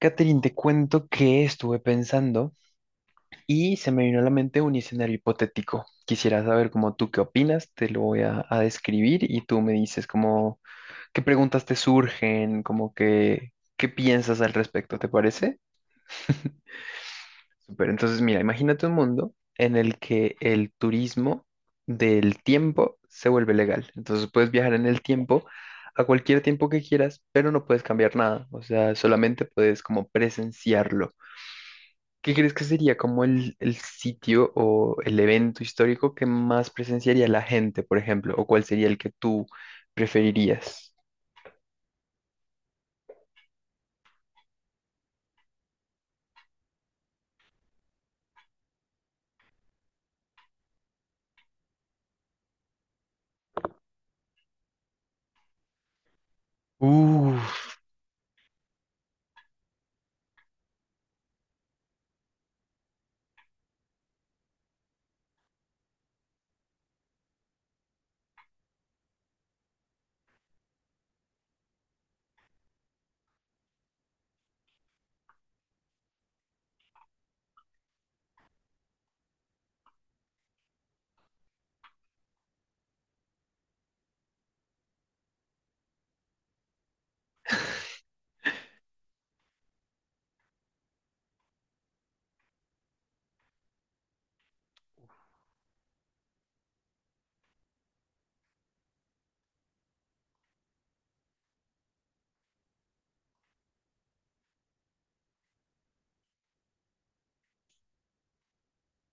Catherine, te cuento que estuve pensando y se me vino a la mente un escenario hipotético. Quisiera saber cómo tú qué opinas, te lo voy a describir y tú me dices cómo, qué preguntas te surgen, como que, qué piensas al respecto, ¿te parece? Súper, entonces mira, imagínate un mundo en el que el turismo del tiempo se vuelve legal. Entonces puedes viajar en el tiempo a cualquier tiempo que quieras, pero no puedes cambiar nada, o sea, solamente puedes como presenciarlo. ¿Qué crees que sería como el sitio o el evento histórico que más presenciaría la gente, por ejemplo? ¿O cuál sería el que tú preferirías? Uf,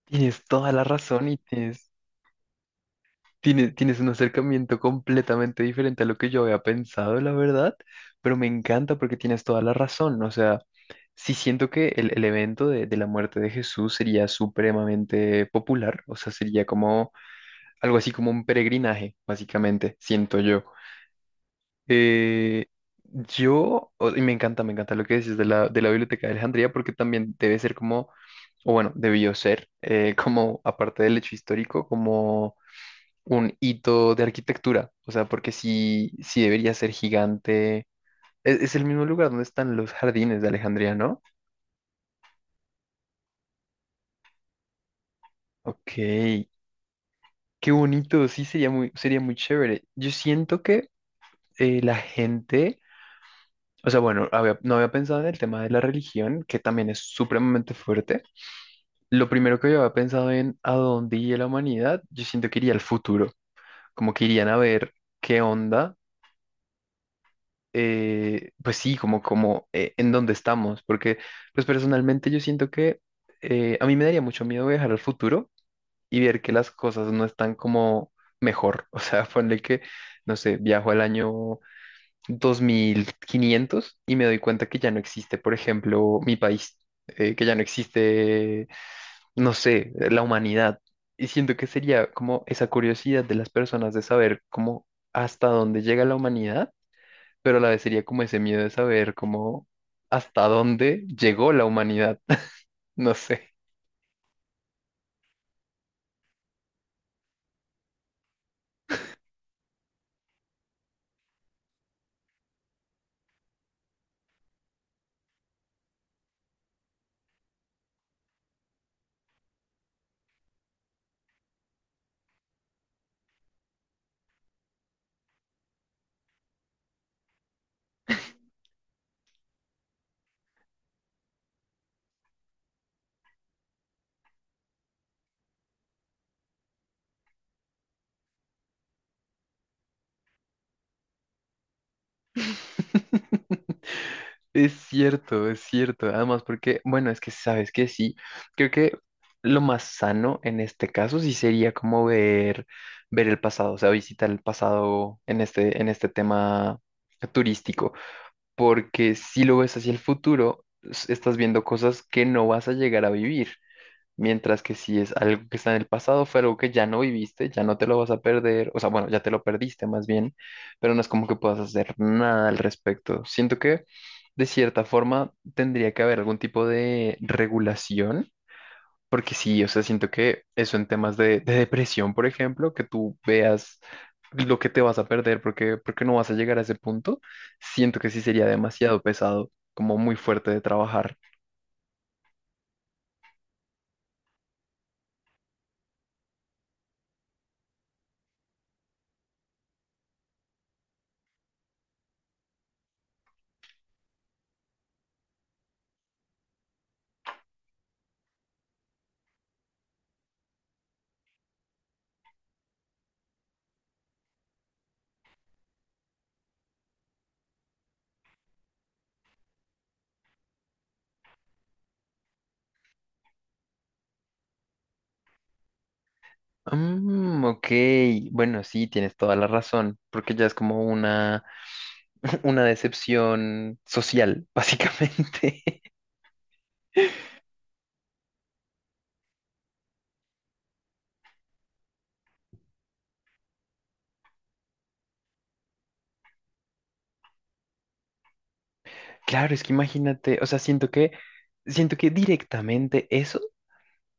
tienes toda la razón y tienes un acercamiento completamente diferente a lo que yo había pensado, la verdad, pero me encanta porque tienes toda la razón. O sea, sí siento que el evento de la muerte de Jesús sería supremamente popular, o sea, sería como algo así como un peregrinaje, básicamente, siento yo. Eh, y me encanta lo que dices de la Biblioteca de Alejandría, porque también debe ser como, o bueno, debió ser, como, aparte del hecho histórico, como un hito de arquitectura. O sea, porque sí, sí debería ser gigante. Es el mismo lugar donde están los jardines de Alejandría, ¿no? Ok, qué bonito, sí, sería muy chévere. Yo siento que la gente, o sea, bueno, no había pensado en el tema de la religión, que también es supremamente fuerte. Lo primero que yo había pensado en a dónde iría la humanidad, yo siento que iría al futuro, como que irían a ver qué onda, pues sí, como en dónde estamos, porque pues personalmente yo siento que a mí me daría mucho miedo viajar al futuro y ver que las cosas no están como mejor, o sea, ponle que, no sé, viajo al año 2500 y me doy cuenta que ya no existe, por ejemplo, mi país, que ya no existe, no sé, la humanidad. Y siento que sería como esa curiosidad de las personas de saber cómo hasta dónde llega la humanidad, pero a la vez sería como ese miedo de saber cómo hasta dónde llegó la humanidad. No sé. Es cierto, es cierto. Además, porque, bueno, es que sabes que sí. Creo que lo más sano en este caso sí sería como ver el pasado, o sea, visitar el pasado en este tema turístico. Porque si lo ves hacia el futuro, estás viendo cosas que no vas a llegar a vivir, mientras que si es algo que está en el pasado, fue algo que ya no viviste, ya no te lo vas a perder, o sea, bueno, ya te lo perdiste más bien, pero no es como que puedas hacer nada al respecto. Siento que de cierta forma tendría que haber algún tipo de regulación. Porque sí, o sea, siento que eso en temas de depresión, por ejemplo, que tú veas lo que te vas a perder porque no vas a llegar a ese punto, siento que sí sería demasiado pesado, como muy fuerte de trabajar. Mm, ok, bueno, sí, tienes toda la razón, porque ya es como una, una decepción social, básicamente. Claro, es que imagínate, o sea, siento que directamente eso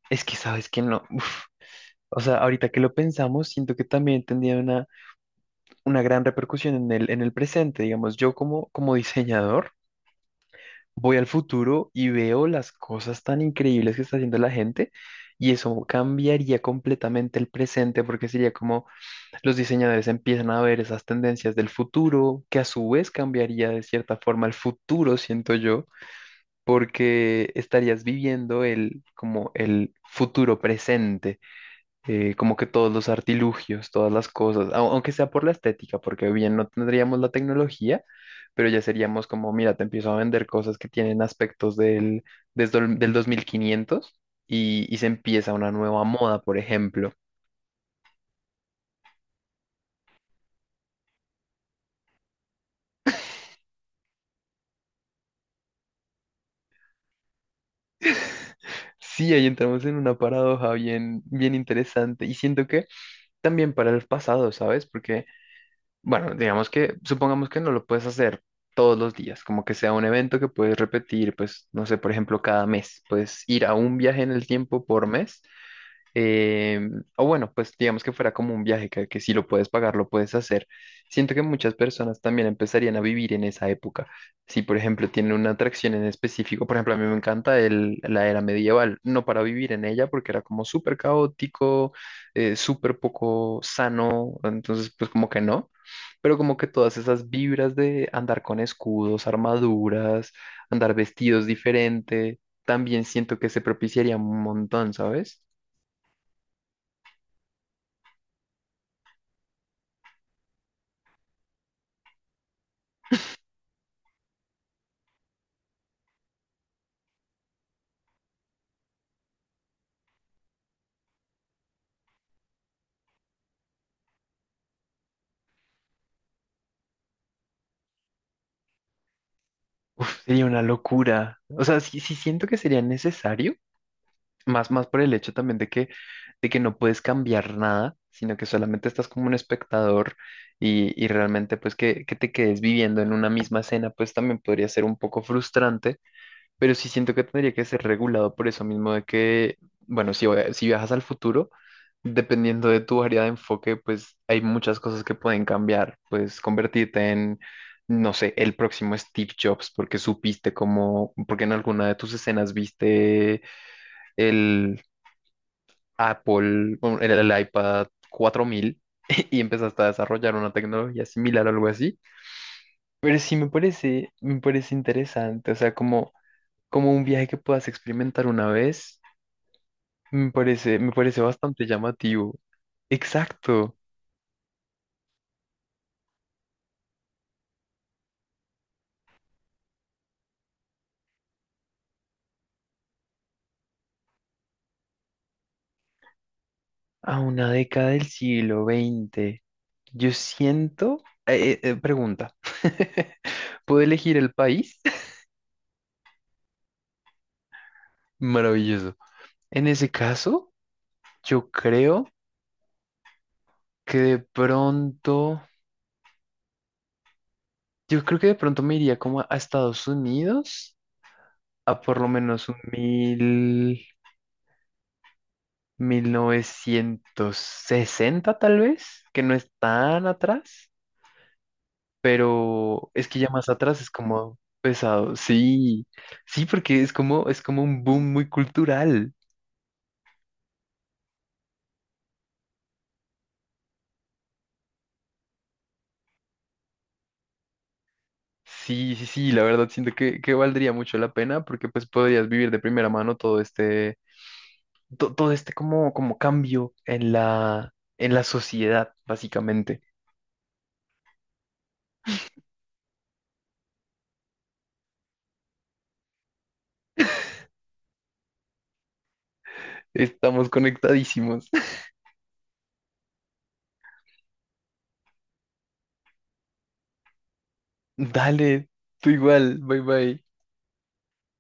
es que sabes que no. Uf. O sea, ahorita que lo pensamos, siento que también tendría una gran repercusión en el presente, digamos, yo como diseñador. Voy al futuro y veo las cosas tan increíbles que está haciendo la gente y eso cambiaría completamente el presente porque sería como los diseñadores empiezan a ver esas tendencias del futuro, que a su vez cambiaría de cierta forma el futuro, siento yo, porque estarías viviendo el como el futuro presente, como que todos los artilugios, todas las cosas, aunque sea por la estética, porque bien no tendríamos la tecnología, pero ya seríamos como, mira, te empiezo a vender cosas que tienen aspectos del 2500 y se empieza una nueva moda, por ejemplo. Sí, ahí entramos en una paradoja bien, bien interesante y siento que también para el pasado, ¿sabes? Porque bueno, digamos que, supongamos que no lo puedes hacer todos los días, como que sea un evento que puedes repetir, pues, no sé, por ejemplo, cada mes, puedes ir a un viaje en el tiempo por mes, eh, o bueno, pues digamos que fuera como un viaje que si lo puedes pagar, lo puedes hacer. Siento que muchas personas también empezarían a vivir en esa época. Si, por ejemplo, tienen una atracción en específico, por ejemplo, a mí me encanta la era medieval, no para vivir en ella porque era como súper caótico, súper poco sano, entonces, pues como que no pero como que todas esas vibras de andar con escudos, armaduras, andar vestidos diferente, también siento que se propiciaría un montón, ¿sabes? Uf, sería una locura. O sea, sí, sí siento que sería necesario, más, más por el hecho también de que no puedes cambiar nada, sino que solamente estás como un espectador y realmente pues que te quedes viviendo en una misma escena, pues también podría ser un poco frustrante pero sí siento que tendría que ser regulado por eso mismo de que, bueno, si viajas al futuro, dependiendo de tu área de enfoque, pues hay muchas cosas que pueden cambiar. Pues convertirte en, no sé, el próximo Steve Jobs porque supiste cómo, porque en alguna de tus escenas viste el Apple, bueno, el iPad 4000 y empezaste a desarrollar una tecnología similar o algo así. Pero sí me parece interesante, o sea, como un viaje que puedas experimentar una vez, me parece bastante llamativo. Exacto, a una década del siglo XX. Yo siento... pregunta, ¿puedo elegir el país? Maravilloso. En ese caso, yo creo que de pronto, yo creo que de pronto me iría como a Estados Unidos, a por lo menos un mil 1960 tal vez, que no es tan atrás, pero es que ya más atrás es como pesado. Sí, sí, porque es como, un boom muy cultural. Sí, sí, sí, la verdad siento que valdría mucho la pena porque pues podrías vivir de primera mano todo este como cambio en la sociedad, básicamente. Estamos conectadísimos. Dale, tú igual, bye bye.